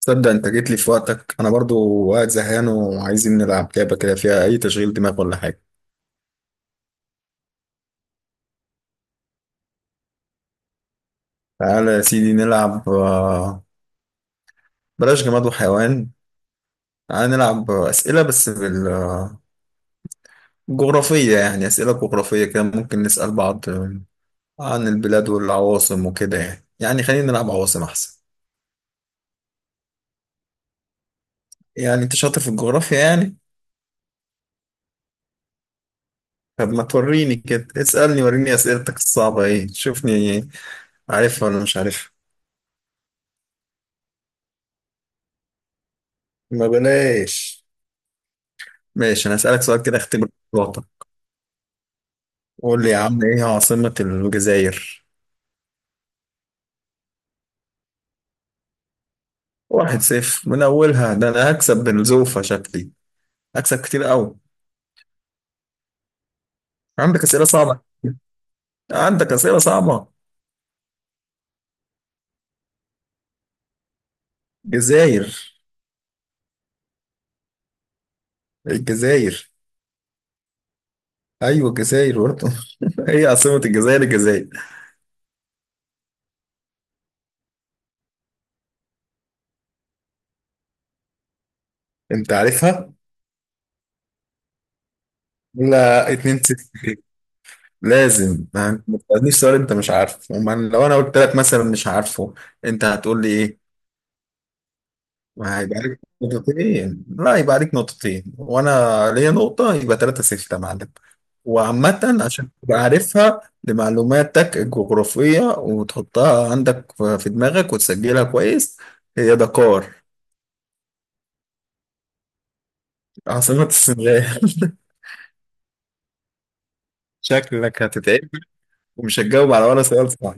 تصدق انت جيت لي في وقتك. انا برضو قاعد زهقان وعايزين نلعب لعبه كده فيها اي تشغيل دماغ ولا حاجه. تعالى يا سيدي نلعب بلاش جماد وحيوان. تعالى نلعب اسئله بس بالجغرافيه، يعني اسئله جغرافيه كده ممكن نسال بعض عن البلاد والعواصم وكده. يعني خلينا نلعب عواصم احسن. يعني انت شاطر في الجغرافيا يعني؟ طب ما توريني كده، اسالني وريني اسئلتك الصعبه ايه، شوفني عارفها ولا مش عارفها. ما بلاش، ماشي انا هسألك سؤال كده اختبر. الوطن. قول لي يا عم ايه عاصمة الجزائر؟ واحد صفر من اولها، ده انا هكسب بنزوفة شكلي، هكسب كتير قوي. عندك اسئلة صعبة، عندك اسئلة صعبة. جزائر؟ الجزائر؟ ايوه الجزائر برضه. هي عاصمة الجزائر الجزائر. انت عارفها؟ لا اتنين صفر. لازم ما تسألنيش سؤال انت مش عارفه لو انا قلت لك مثلا مش عارفه انت هتقول لي ايه؟ ما هيبقى عليك نقطتين. لا يبقى عليك نقطتين وانا ليا نقطة، يبقى ثلاثة ستة يا معلم. وعامة عشان تبقى عارفها لمعلوماتك الجغرافية وتحطها عندك في دماغك وتسجلها كويس، هي دكار، عاصمة السنغال. شكلك هتتعب ومش هتجاوب على ولا سؤال صح.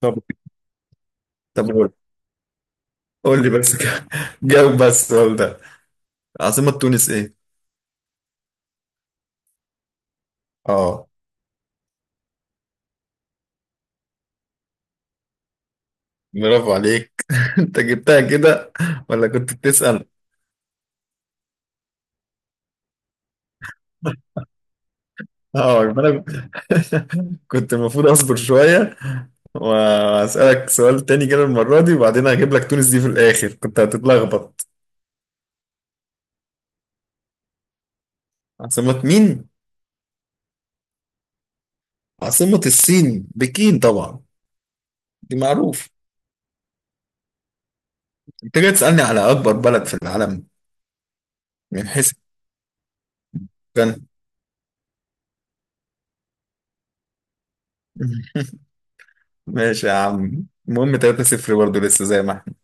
طب، طب قول، قول لي بس كده. جاوب بس السؤال ده، عاصمة تونس ايه؟ اه، برافو عليك. انت جبتها كده ولا كنت بتسأل؟ اه، يبقى انا كنت المفروض اصبر شويه واسالك سؤال تاني كده المره دي، وبعدين هجيب لك تونس دي في الاخر كنت هتتلخبط. عاصمه مين؟ عاصمه الصين بكين طبعا، دي معروف. انت جاي تسالني على اكبر بلد في العالم من حيث كان. ماشي يا عم، المهم 3-0 برضه لسه زي ما احنا.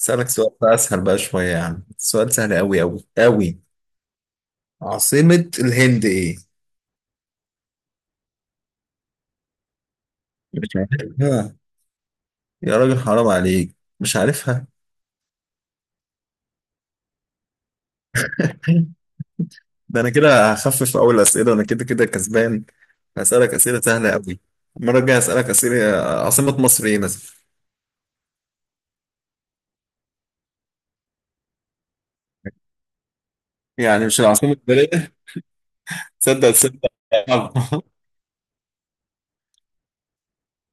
اسالك سؤال بقى اسهل بقى شويه يا عم، سؤال سهل قوي قوي قوي. عاصمه الهند ايه؟ مش عارفها؟ يا راجل حرام عليك مش عارفها. ده انا كده هخفف اول اسئله، انا كده كسبان، هسالك اسئله سهله قوي. المره الجايه هسالك اسئله. عاصمه مصر ايه مثلا؟ يعني مش العاصمه الاداريه. تصدق.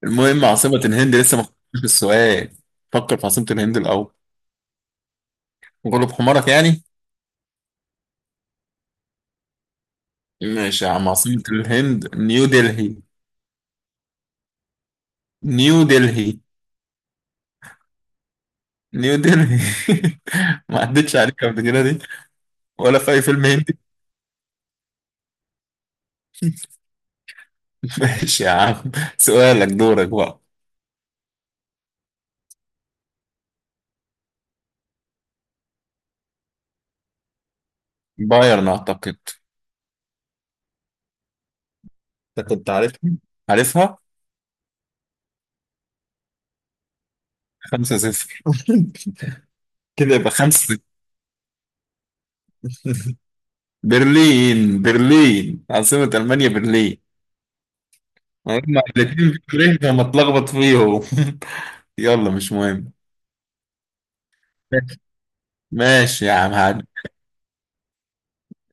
المهم عاصمه الهند، لسه ما فكرتش في السؤال. فكر في عاصمه الهند الاول. غلب حمارك يعني. ماشي يا عم، عاصمه الهند نيو دلهي. نيو دلهي. نيو دلهي. ما عدتش عليك قبل كده دي ولا في اي فيلم هندي. ماشي يا عم، سؤالك دورك بقى. بايرن اعتقد. انت كنت عارفها، عارفها. خمسة صفر. كده يبقى خمسة صفر. برلين. برلين عاصمة ألمانيا، برلين. هما الاتنين برلين فما اتلخبط فيهم. يلا مش مهم. ماشي يا عم هاد،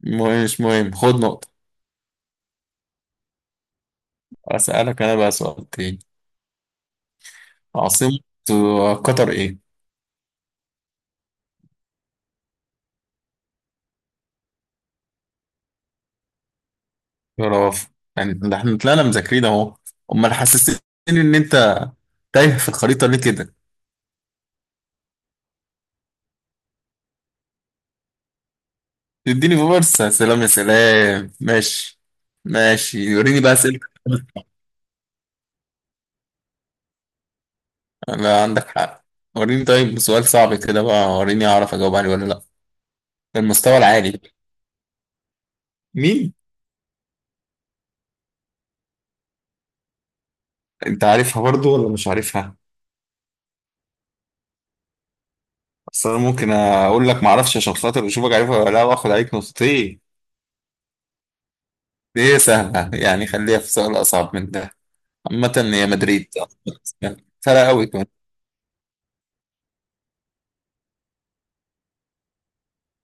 مهم مش مهم، خد نقطة. أسألك أنا بقى سؤال تاني. عاصمة قطر إيه؟ برافو. يعني ده احنا طلعنا مذاكرين أهو، أمال حسستني إن أنت تايه في الخريطة ليه كده؟ تديني فرصة؟ سلام يا سلام، ماشي، ماشي وريني بقى أسئلتك. لا عندك حق، وريني طيب سؤال صعب كده بقى، وريني أعرف أجاوب عليه ولا لأ. المستوى العالي. مين؟ أنت عارفها برضو ولا مش عارفها؟ أصل أنا ممكن أقول لك معرفش عشان خاطر أشوفك عارفها ولا لأ وآخد عليك نقطتين. دي سهلة، يعني خليها في سؤال أصعب من ده. عامة هي مدريد. سهلة أوي كمان.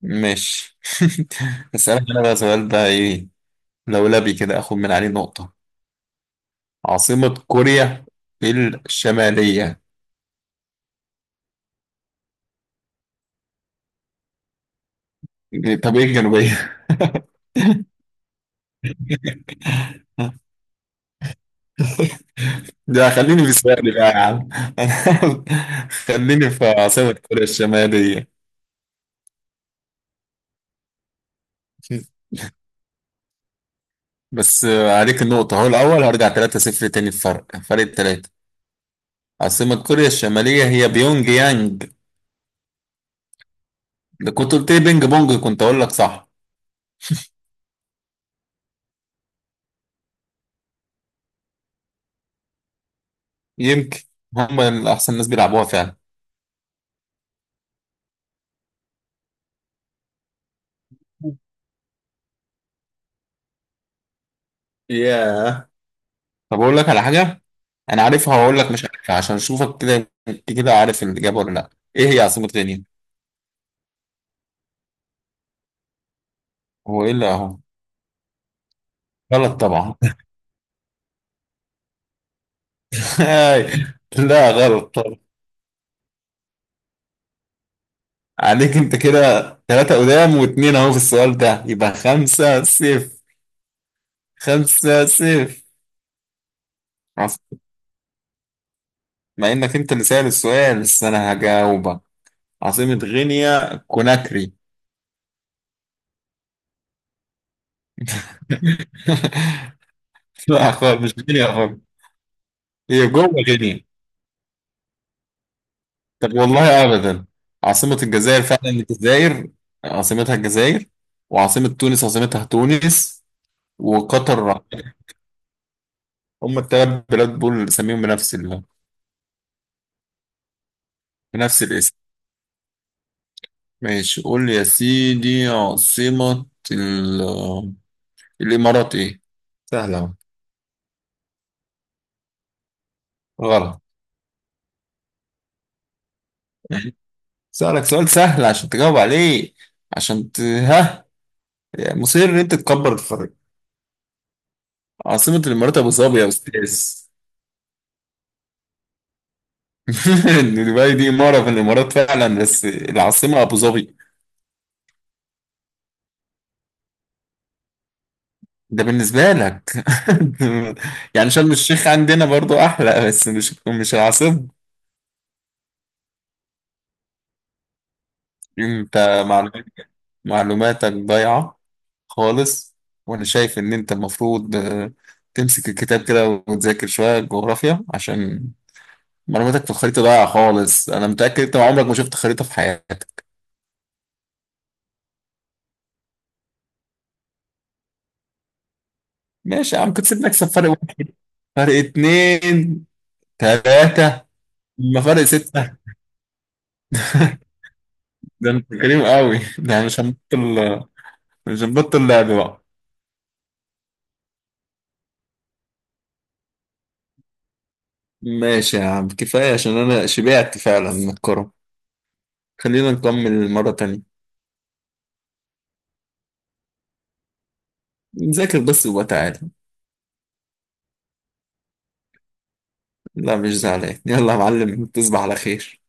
ماشي. أسألك أنا بقى سؤال بقى إيه لولبي كده آخد من عليه نقطة. عاصمة كوريا الشمالية. طب ايه الجنوبية؟ ده خليني في السؤال بقى يا عم. خليني في عاصمة كوريا الشمالية. بس عليك النقطة هو الأول، هرجع 3-0 تاني، الفرق فرق تلاتة. عاصمة كوريا الشمالية هي بيونج يانج. لو كنت قلت لي بينج بونج كنت أقول لك صح. يمكن هم أحسن ناس بيلعبوها فعلا. ياه، طب اقول لك على حاجه، انا عارفها وهقول لك مش عارفها عشان اشوفك كده انت كده عارف الاجابه ولا لا. ايه هي عاصمه غينيا؟ هو ايه اللي اهو؟ غلط طبعا. لا غلط طبعا. عليك انت كده، ثلاثة قدام واتنين اهو، في السؤال ده يبقى خمسة صفر، خمسة صفر. عاصمة- مع انك انت اللي سأل السؤال بس انا هجاوبك، عاصمة غينيا كوناكري. لا خالص مش غينيا خالص، هي جوه غينيا. طب والله ابدا، عاصمة الجزائر فعلا الجزائر، عاصمتها الجزائر، وعاصمة تونس عاصمتها تونس، وقطر، هم الثلاث بلاد دول اللي سميهم بنفس بنفس الاسم. ماشي قول لي يا سيدي، عاصمة ال... الامارات ايه؟ سهلة أهو. غلط. سألك سؤال سهل عشان تجاوب عليه، عشان ها، يعني مصر ان انت تكبر الفرق. عاصمة الامارات ابو ظبي يا استاذ. دبي دي إمارة في الإمارات فعلا، بس العاصمة أبو ظبي. ده بالنسبة لك. يعني شرم الشيخ عندنا برضو أحلى بس مش العاصمة. أنت معلومات- معلوماتك ضايعة خالص. وأنا شايف إن أنت المفروض تمسك الكتاب كده وتذاكر شوية جغرافيا، عشان معلوماتك في الخريطة ضايعة خالص. أنا متأكد أنت عمرك ما شفت خريطة في حياتك. ماشي يا عم، كنت سيبني أكسب فرق واحد، فرق اتنين، تلاتة. ما فرق ستة. ده انت كريم قوي. ده انا مش هنبطل، مش هنبطل لعب بقى. ماشي يا عم كفاية، عشان أنا شبعت فعلا من الكرة. خلينا نكمل مرة تانية، نذاكر بس وبتعالى. لا مش زعلان، يلا يا معلم تصبح على خير.